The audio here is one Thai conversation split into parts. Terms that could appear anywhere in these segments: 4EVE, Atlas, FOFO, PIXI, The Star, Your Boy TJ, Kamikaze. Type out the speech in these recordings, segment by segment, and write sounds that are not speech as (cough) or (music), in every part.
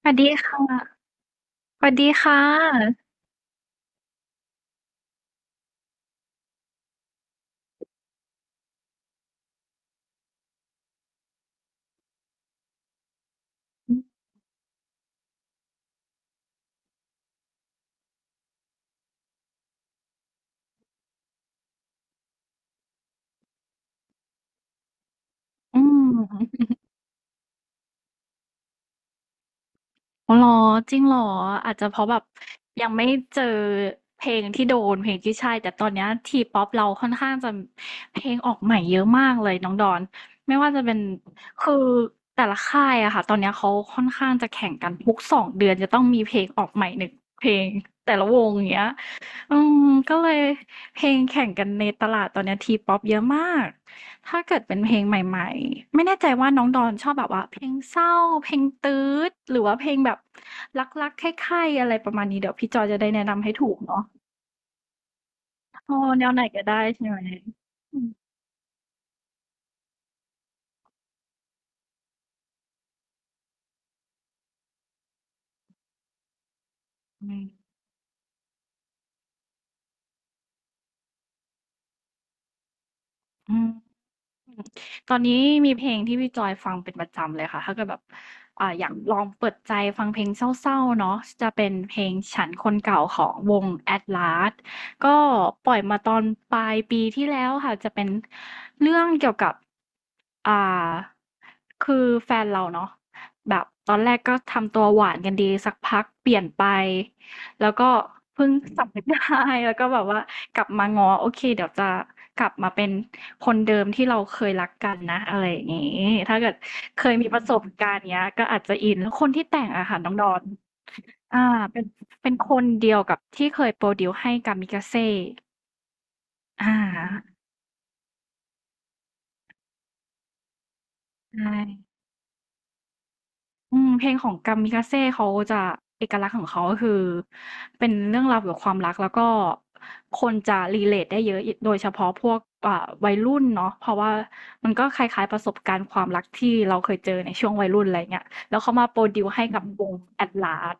สวัสดีค่ะสวัสดีค่ะอืมอ๋อเหรอจริงเหรอ อาจจะเพราะแบบยังไม่เจอเพลงที่โดนเพลงที่ใช่ แต่ตอนเนี้ทีป๊อปเราค่อนข้างจะเพลงออกใหม่เยอะมากเลยน้องดอน ไม่ว่าจะเป็นคือแต่ละค่ายอะค่ะตอนเนี้ยเขาค่อนข้างจะแข่งกันทุก2 เดือนจะต้องมีเพลงออกใหม่หนึ่งเพลงแต่ละวงอย่างเงี้ย อืมก็เลยเพลงแข่งกันในตลาดตอนเนี้ทีป๊อปเยอะมาก ถ้าเกิดเป็นเพลงใหม่ๆไม่แน่ใจว่าน้องดอนชอบแบบว่าเพลงเศร้าเพลงตื๊ดหรือว่าเพลงแบบรักๆใคร่ๆอะไรประมาณนี้เดี๋ยวพี่จอยจะได้แนะนำให้ถูกเนาะโอ้แนวไหนก็ได้ใช่ไหมอืมอืม อืมตอนนี้มีเพลงที่พี่จอยฟังเป็นประจำเลยค่ะถ้าเกิดแบบอยากลองเปิดใจฟังเพลงเศร้าๆเนาะจะเป็นเพลงฉันคนเก่าของวงแ Atlas ก็ปล่อยมาตอนปลายปีที่แล้วค่ะจะเป็นเรื่องเกี่ยวกับอ่าคือแฟนเราเนาะแบบตอนแรกก็ทำตัวหวานกันดีสักพักเปลี่ยนไป แล้วก็เพิ่งสำนึกได้ (laughs) แล้วก็แบบว่ากลับมาง้อโอเคเดี๋ยวจะกลับมาเป็นคนเดิมที่เราเคยรักกันนะอะไรอย่างงี้ถ้าเกิดเคยมีประสบการณ์เนี้ยก็อาจจะอินแล้วคนที่แต่งอะค่ะน้องดอนอาเป็นคนเดียวกับที่เคยโปรดิวซ์ให้ Kamikaze อาใช่ อืมเพลงของกามิกาเซ่เขาจะเอกลักษณ์ของเขาก็คือเป็นเรื่องราวเกี่ยวกับความรักแล้วก็คนจะ relate ได้เยอะโดยเฉพาะพวกอ่าวัยรุ่นเนาะเพราะว่ามันก็คล้ายๆประสบการณ์ความรักที่เราเคยเจอในช่วงวัยรุ่นอะไรอย่างเงี้ยแล้วเขามาโพรดิวซ์ให้กับวง Atlas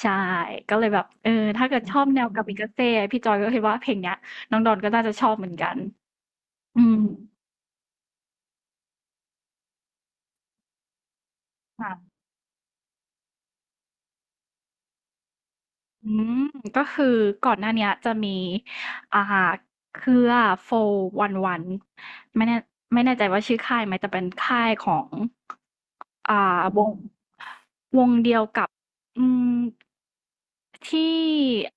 ใช่ก็เลยแบบเออถ้าเกิดชอบแนวกามิกาเซ่พี่จอยก็คิดว่าเพลงเนี้ยน้องดอนก็น่าจะชอบเหมือนกันอืมค่ะ อืมก็คือก่อนหน้าเนี้ยจะมีอ่าเครือโฟวันวันไม่แน่ไม่แน่ใจว่าชื่อค่ายไหมแต่เป็นค่ายของอ่าวงเดียวกับอืมที่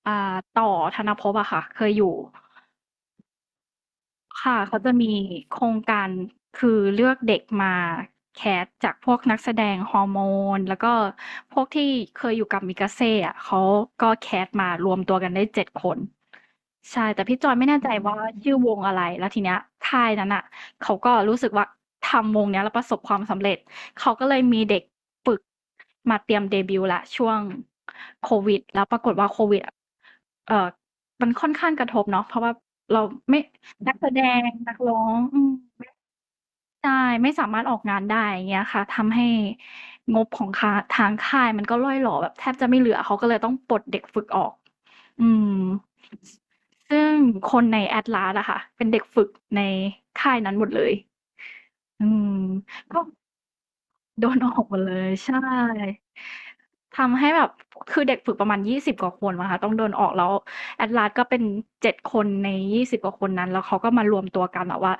อ่าต่อธนภพอะค่ะเคยอยู่ค่ะเขาจะมีโครงการคือเลือกเด็กมาแคสจากพวกนักแสดงฮอร์โมนแล้วก็พวกที่เคยอยู่กับมิกาเซ่อะเขาก็แคสมารวมตัวกันได้7คน ใช่แต่พี่จอยไม่แน่ใจว่าชื่อวงอะไรแล้วทีเนี้ยค่ายนั้นอ่ะเขาก็รู้สึกว่าทำวงเนี้ยแล้วประสบความสำเร็จเขาก็เลยมีเด็กฝึกมาเตรียมเดบิวต์ละช่วงโควิดแล้วปรากฏว่าโควิดอะเอ่อมันค่อนข้างกระทบเนาะเพราะว่าเราไม่นักแสดงนักร้องอืม ใช่ไม่สามารถออกงานได้อย่างเงี้ยค่ะทำให้งบของคาทางค่ายมันก็ร่อยหรอแบบแทบจะไม่เหลือเขาก็เลยต้องปลดเด็กฝึกออกอืมซซึ่งคนใน Atlas อะค่ะเป็นเด็กฝึกในค่ายนั้นหมดเลยอืมก็ โดนออกหมดเลยใช่ทำให้แบบคือเด็กฝึกประมาณ20กว่าคนมั้งคะต้องโดนออกแล้ว Atlas ก็เป็น7คนใน20กว่าคนนั้นแล้วเขาก็มารวมตัวกันแบบว่า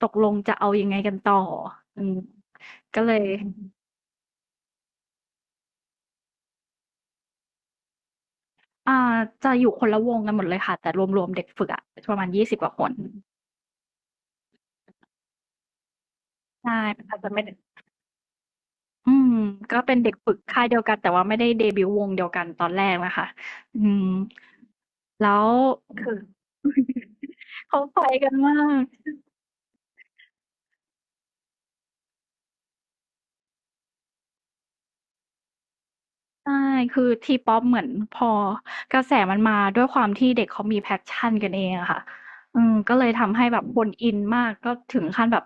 ตกลงจะเอายังไงกันต่ออืมก็เลยอ่าจะอยู่คนละวงกันหมดเลยค่ะแต่รวมๆเด็กฝึกอะประมาณ20กว่าคนใช่มันอาจจะไม่ได้อืมก็เป็นเด็กฝึกค่ายเดียวกันแต่ว่าไม่ได้เดบิวต์วงเดียวกันตอนแรกนะคะอืมแล้วคือ เขาไปกันมาก ใช่ คือทีป๊อปเหมือนพอกระแสมันมาด้วยความที่เด็กเขามี passion กันเองอะค่ะอืมก็เลยทำให้แบบคนอินมาก ก็ถึงขั้นแบบ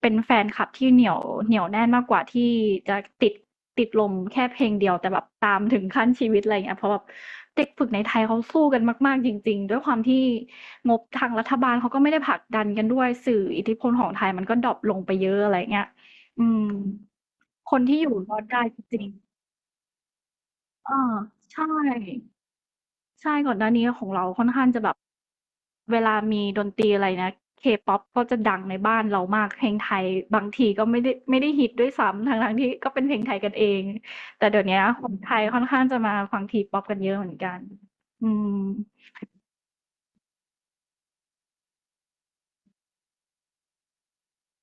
เป็นแฟนคลับที่เหนียวเหนียวแน่นมากกว่าที่จะติดติดลมแค่เพลงเดียวแต่แบบตามถึงขั้นชีวิตอะไรอย่างเงี้ยเพราะแบบเด็กฝึกในไทยเขาสู้กันมากๆจริงๆด้วยความที่งบทางรัฐบาลเขาก็ไม่ได้ผลักดันกันด้วยสื่ออิทธิพลของไทยมันก็ดร็อปลงไปเยอะอะไรอย่างเงี้ยอืมคนที่อยู่รอดได้จริง เออใช่ใช่ก่อนหน้านี้ของเราค่อนข้างจะแบบเวลามีดนตรีอะไรนะ K-pop ก็จะดังในบ้านเรามากเพลงไทยบางทีก็ไม่ได้ไม่ได้ฮิตด้วยซ้ำทั้งๆที่ก็เป็นเพลงไทยกันเองแต่เดี๋ยวเนี้ยคนไทยค่อนข้างจะมาฟัง T-pop กันเยอะเหมือนกันอืม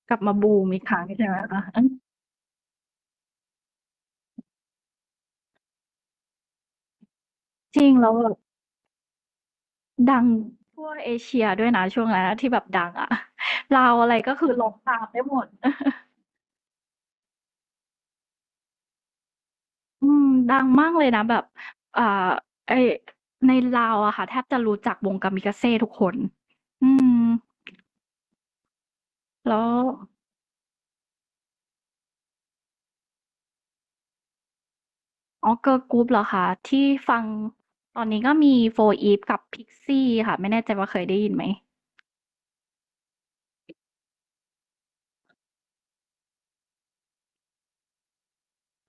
กลับมาบูมอีกครั้งใช่ไหมคะอือจริงแล้วแบบดังทั่วเอเชียด้วยนะช่วงนั้นอะที่แบบดังอะ (laughs) ลาวอะไรก็คือร้องตามได้หมด อืมดังมากเลยนะแบบอ่าไอ้ในลาวอะค่ะแทบจะรู้จักวง Kamikaze ทุกคนอืมแล้วอ๋อเกิร์ลกรุ๊ปเหรอคะที่ฟังตอนนี้ก็มี4 e ีฟกับ p i x i ่ค่ะไม่แน่ใจว่าเคยได้ยินไหม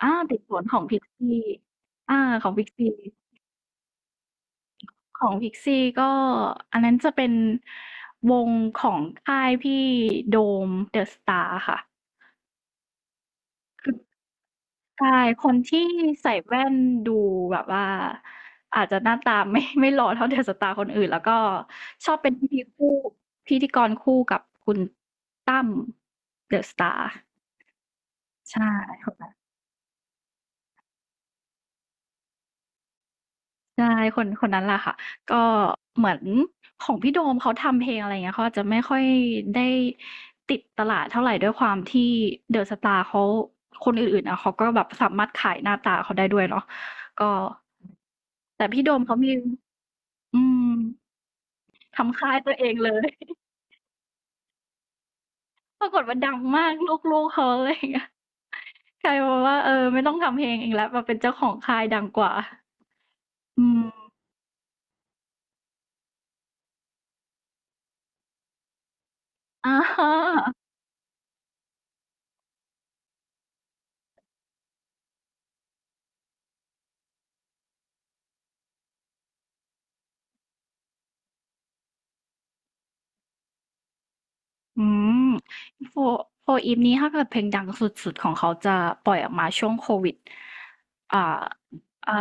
อาติดสวนของ p i x i ่อาของ p i x i ่ของพิกซี่ก็อันนั้นจะเป็นวงของค่ายพี่โดม The Star ค่ะ ใช่คนที่ใส่แว่นดูแบบว่าอาจจะหน้าตาไม่ (laughs) ไม่หล่อเท่าเดอะสตาร์คนอื่นแล้วก็ชอบเป็นพิธีคู่พิธีกรคู่กับคุณตั้มเดอะสตาร์ใช่คนนั้นใช่คนคนนั้นแหละค่ะก็เหมือนของพี่โดมเขาทำเพลงอะไรอย่างเงี้ยเขาอาจจะไม่ค่อยได้ติดตลาดเท่าไรด้วยความที่เดอะสตาร์เขาคนอื่นๆอะเขาก็แบบสามารถขายหน้าตาเขาได้ด้วยเนาะก็แต่พี่โดมเขามี อืมทำค่ายตัวเองเลย (laughs) ปรากฏว่าดังมากลูกๆเขาอะไรอย่างเงี้ยกลายเป็นว่าเออไม่ต้องทำเพลงเองแล้วมาเป็นเจ้าของค่ายดังกว่า อืม (laughs) อาฮะ อืมโฟโฟอีฟนี้ถ้าเกิดเพลงดังสุดๆของเขาจะปล่อยออกมาช่วงโควิดอ่าอ่า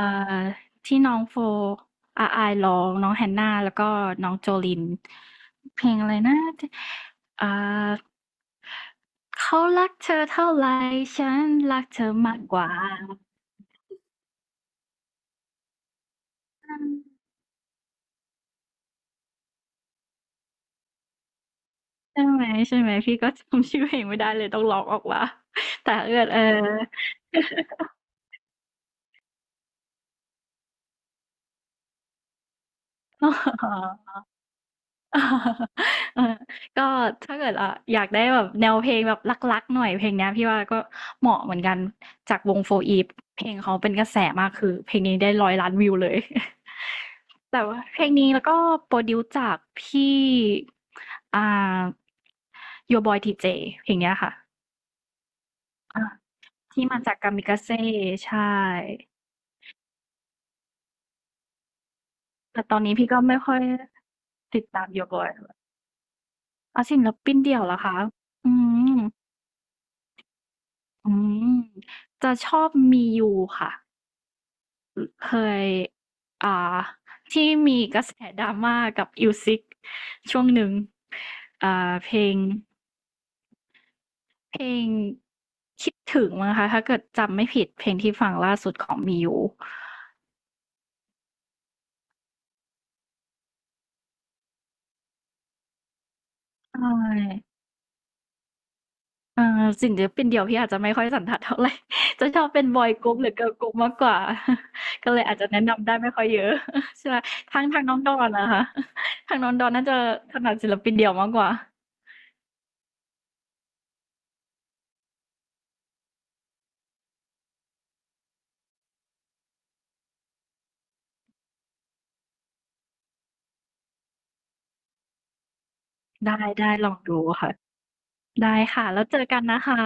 ที่น้องโฟอาอายร้องน้องแฮนนาแล้วก็น้องโจลินเพลงอะไรนะอ่าเขารักเธอเท่าไหร่ฉันรักเธอมากกว่าใช่ไหมใช่ไหมพี่ก็จำชื่อเพลงไม่ได้เลยต้องร้องออกว่าแต่เอื้อนเออ (laughs) เออก็ถ้าเกิดอยากได้แบบแนวเพลงแบบรักๆหน่อยเพลงเนี้ยพี่ว่าก็เหมาะเหมือนกันจากวงโฟอีฟเพลงเขาเป็นกระแสมากคือเพลงนี้ได้100 ล้านวิวเลย (laughs) แต่ว่าเพลงนี้แล้วก็โปรดิวซ์จากพี่อ่า Your Boy TJ เจเพลงเนี้ยค่ะอ่าที่มาจากกามิกาเซ่ใช่แต่ตอนนี้พี่ก็ไม่ค่อยติดตาม Your Boy อ่ะศิลปินเดี่ยวเหรอคะอืม อืมจะชอบมียูค่ะเคยอ่าที่มีกระแสดราม่ากับอิวซิกช่วงหนึ่งอ่าเพลงเพลงคิดถึงมั้งคะถ้าเกิดจำไม่ผิดเพลงที่ฟังล่าสุดของมียูใช่เอ่อสิ่งเดียวเป็นเดี่ยวพี่อาจจะไม่ค่อยสันทัดเท่าไหร่ (laughs) จะชอบเป็นบอยกรุ๊ปหรือเกิร์ลกรุ๊ปมากกว่า (laughs) ก็เลยอาจจะแนะนำได้ไม่ค่อยเยอะ (laughs) ใช่ไหมทางทางน้องดอนนะคะ (laughs) ทางน้องดอนน่าจะถนัดศิลปินเดี่ยวมากกว่า ได้ได้ลองดูค่ะได้ค่ะแล้วเจอกันนะคะ